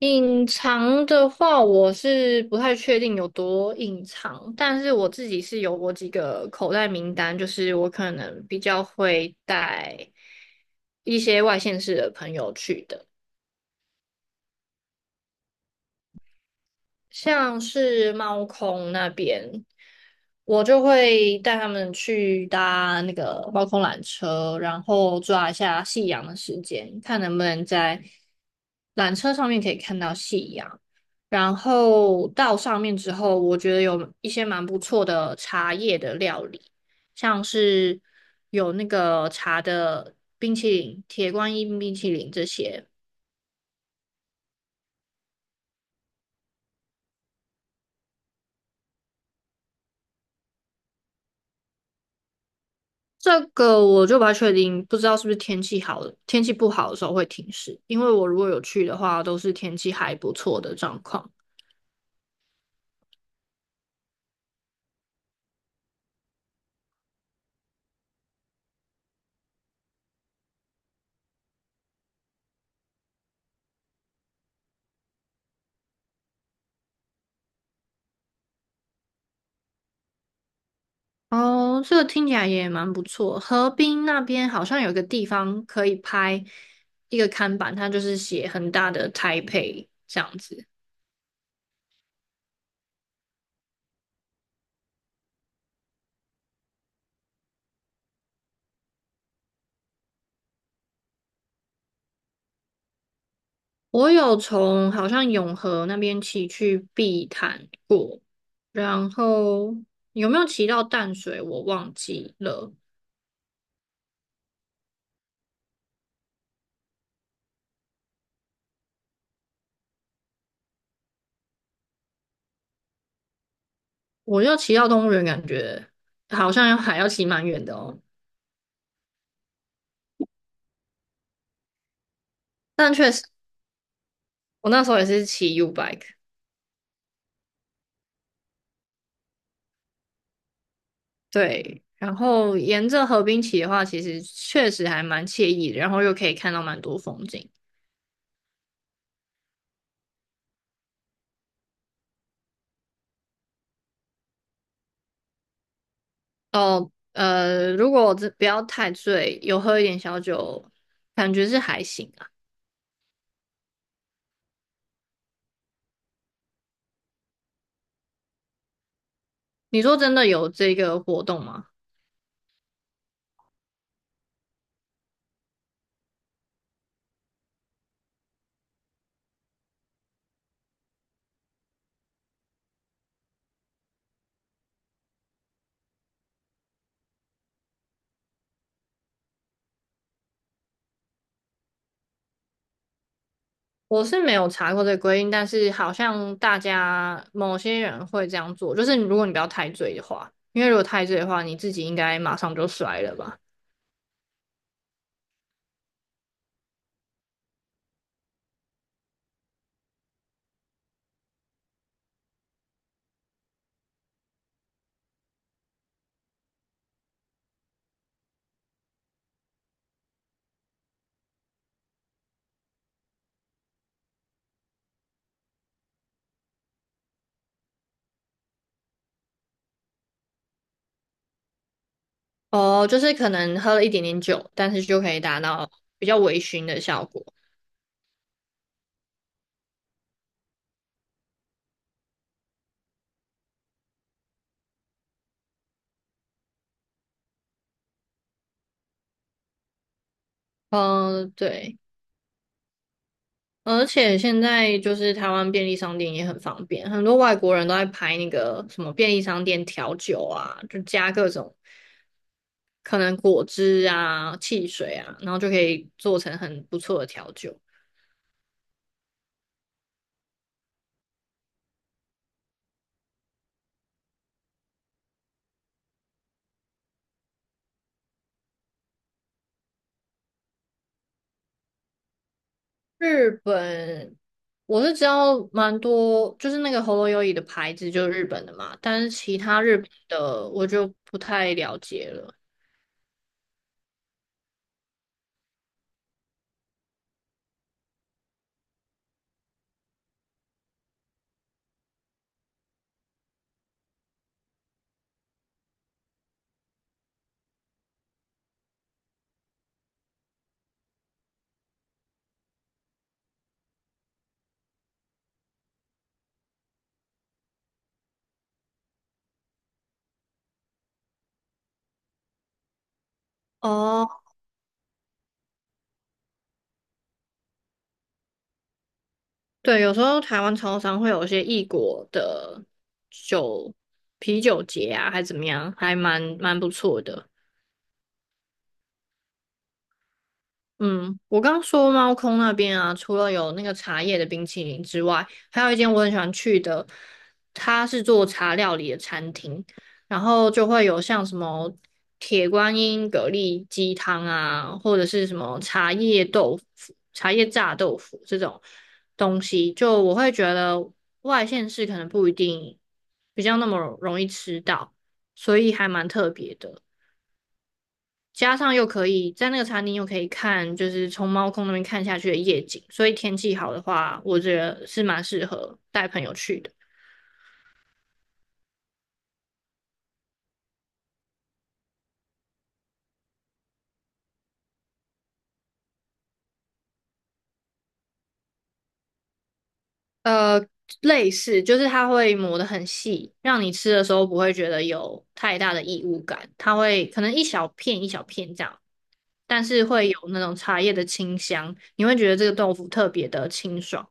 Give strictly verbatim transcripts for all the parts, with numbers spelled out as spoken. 隐藏的话，我是不太确定有多隐藏，但是我自己是有我几个口袋名单，就是我可能比较会带一些外县市的朋友去的。像是猫空那边，我就会带他们去搭那个猫空缆车，然后抓一下夕阳的时间，看能不能在缆车上面可以看到夕阳。然后到上面之后，我觉得有一些蛮不错的茶叶的料理，像是有那个茶的冰淇淋、铁观音冰淇淋这些。这个我就不太确定，不知道是不是天气好的，天气不好的时候会停驶。因为我如果有去的话，都是天气还不错的状况。哦，这个听起来也蛮不错。河滨那边好像有一个地方可以拍一个看板，它就是写很大的台北这样子。我有从好像永和那边骑去碧潭过，然后有没有骑到淡水我忘记了。我要骑到动物园，感觉好像要还要骑蛮远的哦。但确实，我那时候也是骑 U bike，对。然后沿着河滨骑的话，其实确实还蛮惬意的，然后又可以看到蛮多风景。哦，呃，如果这不要太醉，有喝一点小酒，感觉是还行啊。你说真的有这个活动吗？我是没有查过这个规定，但是好像大家某些人会这样做，就是如果你不要太醉的话，因为如果太醉的话，你自己应该马上就摔了吧？哦，就是可能喝了一点点酒，但是就可以达到比较微醺的效果。嗯，对，而且现在就是台湾便利商店也很方便，很多外国人都在拍那个什么便利商店调酒啊，就加各种可能果汁啊、汽水啊，然后就可以做成很不错的调酒。日本，我是知道蛮多，就是那个喉咙优椅的牌子就是日本的嘛，但是其他日本的我就不太了解了。哦，对，有时候台湾超商会有一些异国的酒啤酒节啊，还怎么样，还蛮蛮不错的。嗯，我刚刚说猫空那边啊，除了有那个茶叶的冰淇淋之外，还有一间我很喜欢去的，它是做茶料理的餐厅，然后就会有像什么铁观音蛤蜊鸡汤啊，或者是什么茶叶豆腐、茶叶炸豆腐这种东西，就我会觉得外县市可能不一定比较那么容易吃到，所以还蛮特别的。加上又可以在那个餐厅又可以看，就是从猫空那边看下去的夜景，所以天气好的话，我觉得是蛮适合带朋友去的。呃，类似就是它会磨得很细，让你吃的时候不会觉得有太大的异物感，它会可能一小片一小片这样，但是会有那种茶叶的清香，你会觉得这个豆腐特别的清爽。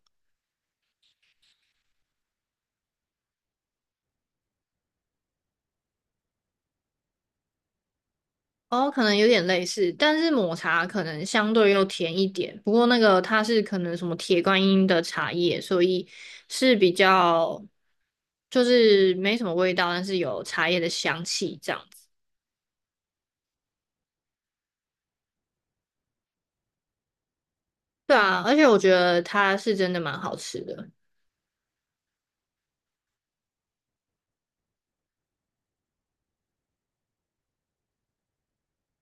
哦，可能有点类似，但是抹茶可能相对又甜一点。不过那个它是可能什么铁观音的茶叶，所以是比较就是没什么味道，但是有茶叶的香气这样子。对啊，而且我觉得它是真的蛮好吃的。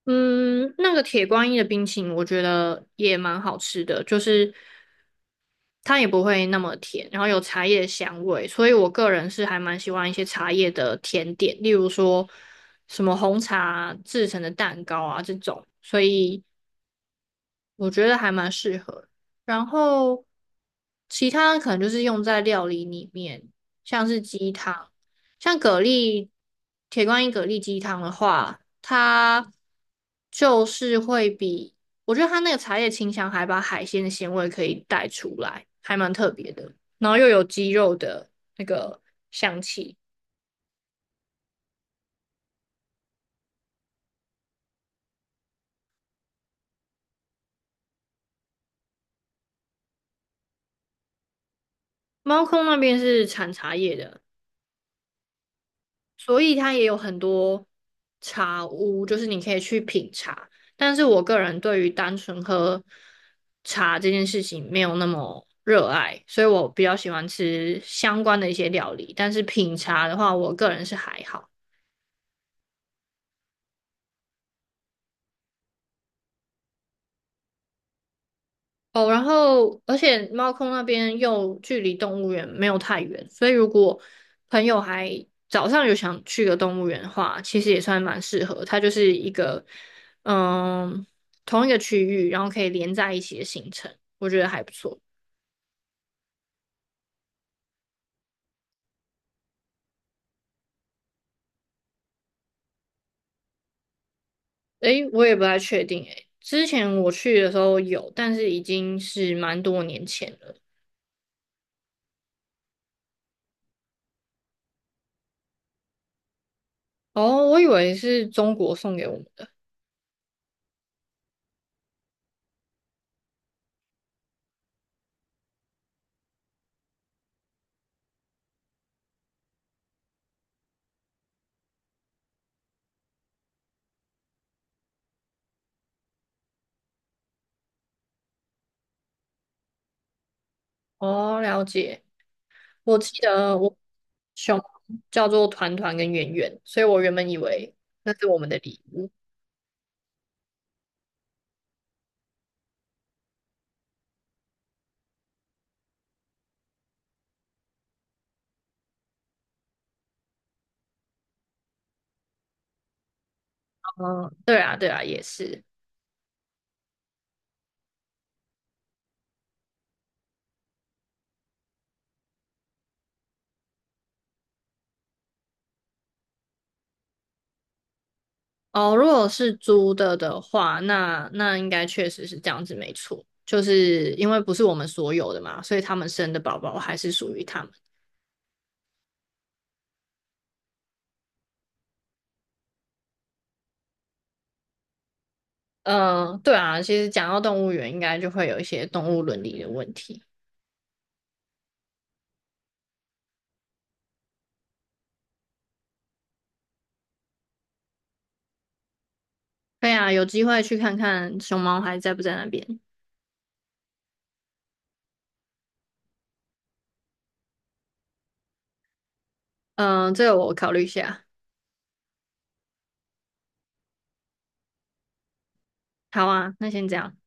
嗯，那个铁观音的冰淇淋我觉得也蛮好吃的，就是它也不会那么甜，然后有茶叶的香味，所以我个人是还蛮喜欢一些茶叶的甜点，例如说什么红茶制成的蛋糕啊这种，所以我觉得还蛮适合。然后其他可能就是用在料理里面，像是鸡汤，像蛤蜊铁观音蛤蜊鸡汤的话，它就是会比我觉得它那个茶叶清香还把海鲜的鲜味可以带出来，还蛮特别的。然后又有鸡肉的那个香气。猫空那边是产茶叶的，所以它也有很多茶屋，就是你可以去品茶。但是我个人对于单纯喝茶这件事情没有那么热爱，所以我比较喜欢吃相关的一些料理。但是品茶的话，我个人是还好。哦，然后而且猫空那边又距离动物园没有太远，所以如果朋友还早上有想去个动物园的话，其实也算蛮适合。它就是一个嗯同一个区域，然后可以连在一起的行程，我觉得还不错。诶，我也不太确定诶，之前我去的时候有，但是已经是蛮多年前了。哦，我以为是中国送给我们的。哦，了解。我记得我熊叫做团团跟圆圆，所以我原本以为那是我们的礼物。嗯，对啊，对啊，也是。哦，如果是租的的话，那那应该确实是这样子，没错。就是因为不是我们所有的嘛，所以他们生的宝宝还是属于他们。嗯，对啊，其实讲到动物园，应该就会有一些动物伦理的问题。对啊，有机会去看看熊猫还在不在那边。嗯，这个我考虑一下。好啊，那先这样。